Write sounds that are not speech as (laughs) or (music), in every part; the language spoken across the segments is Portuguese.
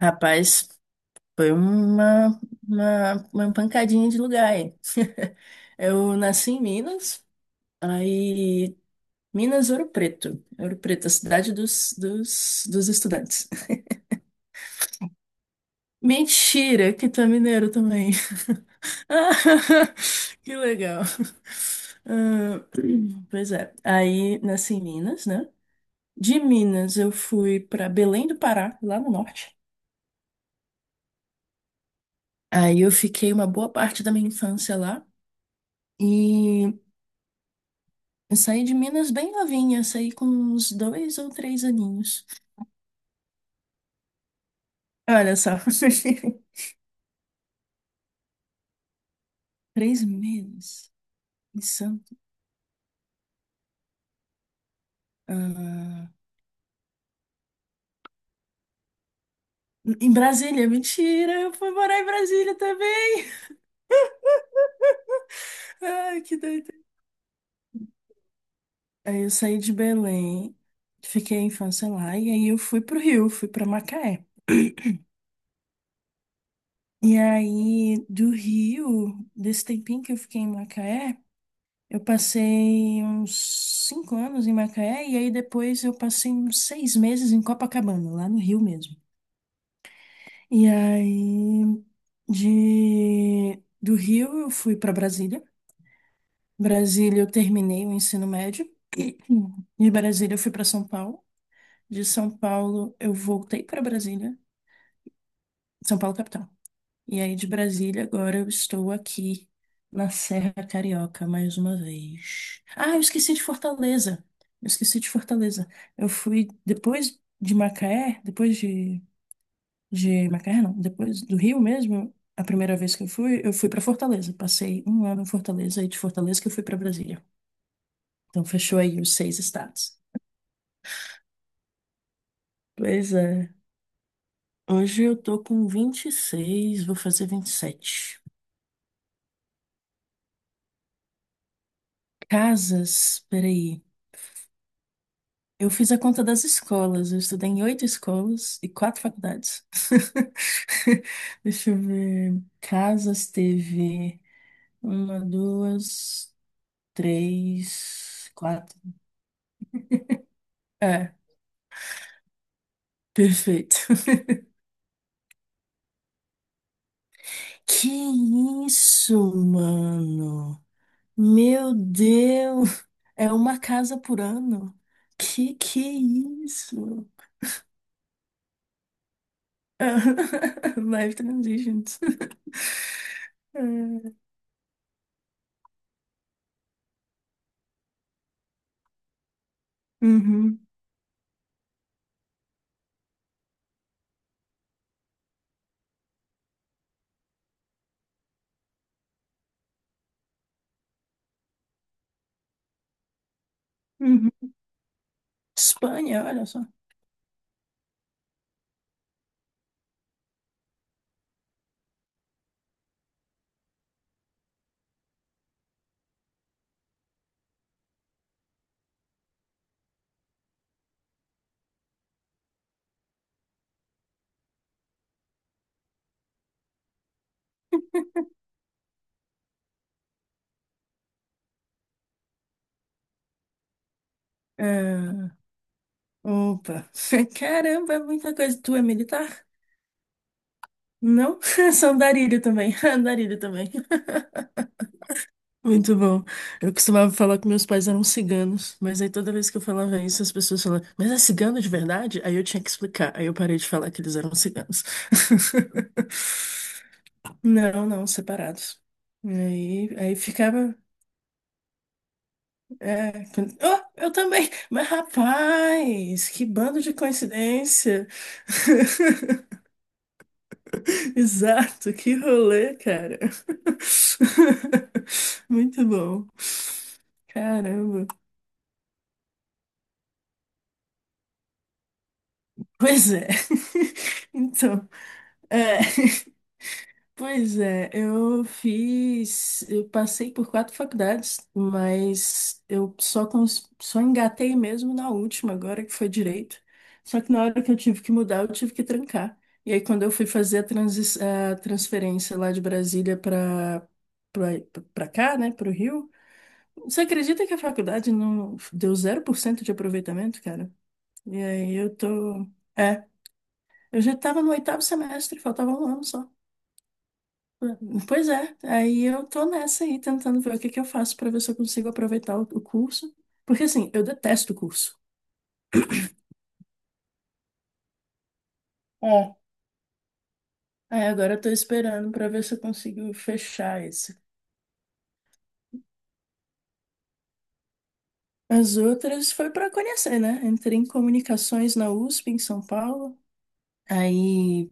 Rapaz, foi uma pancadinha de lugar aí. Eu nasci em Minas, aí Minas, Ouro Preto. Ouro Preto, a cidade dos estudantes. Mentira, que tu é mineiro também. (laughs) Ah, Que legal. Ah, pois é, aí nasci em Minas, né? De Minas eu fui para Belém do Pará, lá no norte. Aí eu fiquei uma boa parte da minha infância lá. E Eu saí de Minas bem novinha, saí com uns dois ou três aninhos. Olha só. (laughs) Três meses em Santo. Ah, em Brasília, mentira, eu fui morar em Brasília também. (laughs) Ai, que doido. Aí eu saí de Belém, fiquei a infância lá, e aí eu fui pro Rio, fui pra Macaé. E aí, do Rio, desse tempinho que eu fiquei em Macaé, eu passei uns 5 anos em Macaé e aí depois eu passei uns 6 meses em Copacabana, lá no Rio mesmo. E aí de do Rio eu fui para Brasília. Brasília eu terminei o ensino médio. De Brasília eu fui para São Paulo. De São Paulo eu voltei para Brasília, São Paulo capital. E aí, de Brasília, agora eu estou aqui na Serra Carioca mais uma vez. Ah, eu esqueci de Fortaleza. Eu esqueci de Fortaleza. Eu fui depois de Macaé, depois de Macaé, não, depois do Rio mesmo, a primeira vez que eu fui para Fortaleza. Passei um ano em Fortaleza e de Fortaleza que eu fui para Brasília. Então, fechou aí os seis estados. Pois é. Hoje eu tô com 26, vou fazer 27. Casas, peraí. Eu fiz a conta das escolas. Eu estudei em oito escolas e quatro faculdades. (laughs) Deixa eu ver. Casas teve uma, duas, três, quatro. É, perfeito. (laughs) Que isso, mano? Meu Deus! É uma casa por ano? Que é isso? (laughs) Life transitions. (laughs) É. Uhum, uhum. Espanha, olha só. Ah, opa. (laughs) Caramba, é muita coisa. Tu é militar? Não? (laughs) Sou andarilho também. (laughs) Andarilho também. Muito bom. Eu costumava falar que meus pais eram ciganos, mas aí toda vez que eu falava isso, as pessoas falavam, mas é cigano de verdade? Aí eu tinha que explicar. Aí eu parei de falar que eles eram ciganos. (laughs) Não, não, separados. Aí ficava. É, quando- oh, eu também! Mas rapaz, que bando de coincidência! (laughs) Exato, que rolê, cara. (laughs) Muito bom. Caramba. Pois é. (laughs) Então, é, (laughs) pois é, eu passei por quatro faculdades, mas eu só cons- só engatei mesmo na última agora que foi direito. Só que na hora que eu tive que mudar, eu tive que trancar. E aí quando eu fui fazer a transferência lá de Brasília para cá, né, para o Rio. Você acredita que a faculdade não deu 0% de aproveitamento, cara? E aí eu tô. É, eu já tava no oitavo semestre, faltava um ano só. Pois é, aí eu tô nessa aí, tentando ver o que que eu faço pra ver se eu consigo aproveitar o curso. Porque assim, eu detesto o curso. É. Aí agora eu tô esperando pra ver se eu consigo fechar esse. As outras foi pra conhecer, né? Entrei em comunicações na USP, em São Paulo. Aí.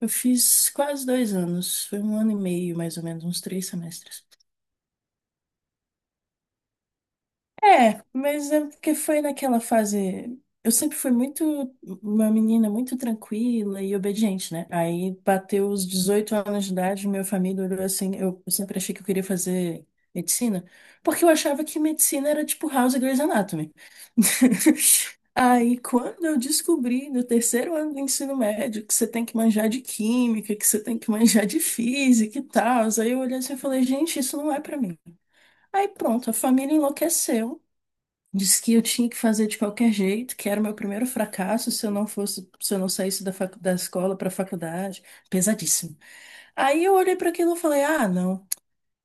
Eu fiz quase 2 anos, foi um ano e meio, mais ou menos, uns 3 semestres. É, mas é porque foi naquela fase. Eu sempre fui muito uma menina muito tranquila e obediente, né? Aí bateu os 18 anos de idade, minha família olhou assim, eu sempre achei que eu queria fazer medicina, porque eu achava que medicina era tipo House e Grey's Anatomy. (laughs) Aí quando eu descobri no terceiro ano do ensino médio que você tem que manjar de química, que você tem que manjar de física e tal, aí eu olhei assim e falei, gente, isso não é pra mim. Aí pronto, a família enlouqueceu. Disse que eu tinha que fazer de qualquer jeito, que era o meu primeiro fracasso se eu não fosse, se eu não saísse da escola para a faculdade. Pesadíssimo. Aí eu olhei para aquilo e falei: ah, não.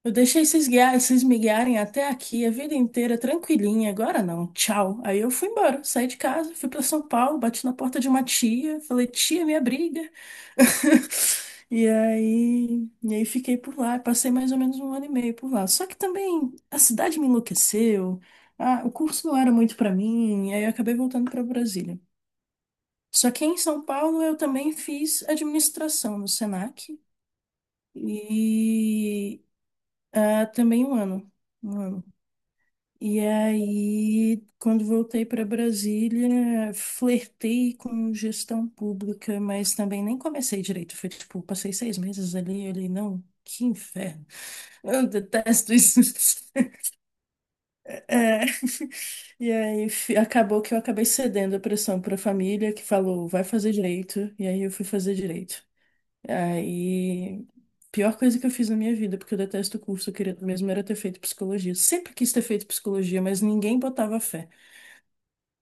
Eu deixei vocês guiar, vocês me guiarem até aqui a vida inteira, tranquilinha. Agora não, tchau. Aí eu fui embora, saí de casa, fui pra São Paulo, bati na porta de uma tia, falei, tia, me abriga. (laughs) E aí, fiquei por lá, passei mais ou menos um ano e meio por lá. Só que também a cidade me enlouqueceu, ah, o curso não era muito pra mim, aí eu acabei voltando pra Brasília. Só que em São Paulo eu também fiz administração no Senac e também um ano. Um ano. E aí, quando voltei para Brasília, flertei com gestão pública, mas também nem comecei direito. Foi tipo, passei 6 meses ali, eu olhei, não, que inferno. Eu detesto isso. (laughs) É. E aí, fi- acabou que eu acabei cedendo a pressão para a família, que falou, vai fazer direito. E aí, eu fui fazer direito. Aí, pior coisa que eu fiz na minha vida, porque eu detesto o curso, eu queria mesmo era ter feito psicologia. Sempre quis ter feito psicologia, mas ninguém botava fé.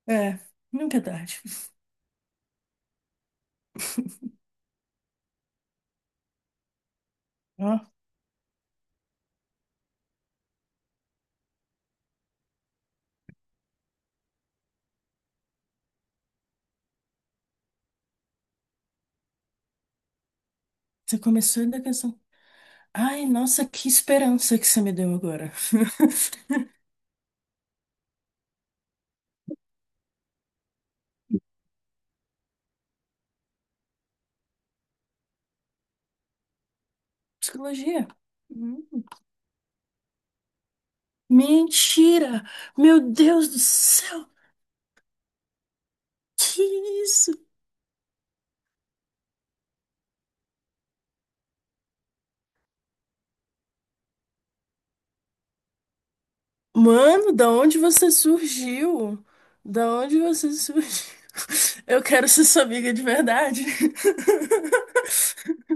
É, não é verdade. Ó, você começou da questão. Ai, nossa, que esperança que você me deu agora. (laughs) Psicologia. Hum. Mentira! Meu Deus do céu! Que isso? Mano, da onde você surgiu? Da onde você surgiu? (laughs) Eu quero ser sua amiga de verdade. (laughs)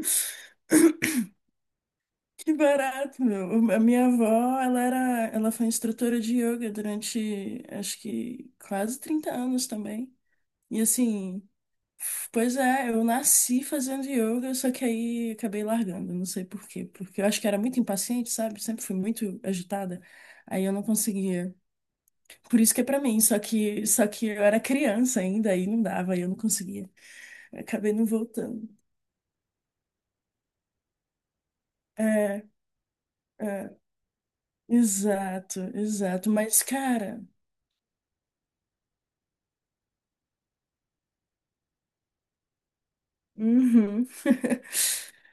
Que barato, meu. A minha avó, ela era, ela foi instrutora de yoga durante, acho que quase 30 anos também. E assim, pois é, eu nasci fazendo yoga, só que aí acabei largando, não sei por quê, porque eu acho que era muito impaciente, sabe? Sempre fui muito agitada. Aí eu não conseguia. Por isso que é pra mim, só que eu era criança ainda, aí não dava, aí eu não conseguia. Acabei não voltando. É, é, exato, exato. Mas, cara, uhum. (laughs)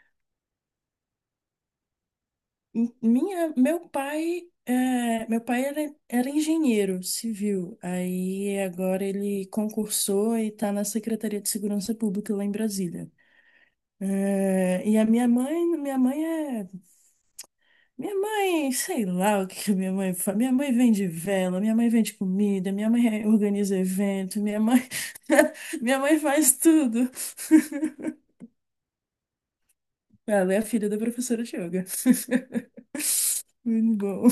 M- Minha, meu pai, é, meu pai era engenheiro civil. Aí agora ele concursou e está na Secretaria de Segurança Pública lá em Brasília. É, e a minha mãe, sei lá o que que minha mãe faz. Minha mãe vende vela, minha mãe vende comida, minha mãe organiza evento, minha mãe, (laughs) minha mãe faz tudo. (laughs) Ela é a filha da professora de yoga. (laughs) Muito bom.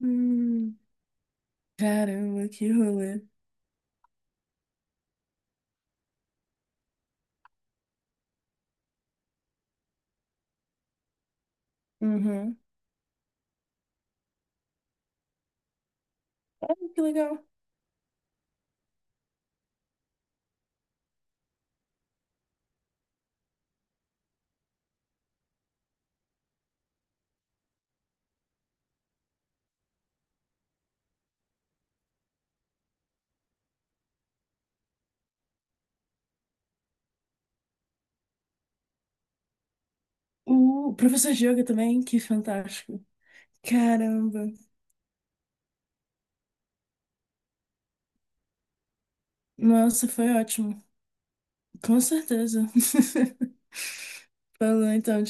Hum, caramba, que rolê. Uhum. Ah, que legal. O professor de yoga também, que fantástico. Caramba. Nossa, foi ótimo. Com certeza. (laughs) Falou então.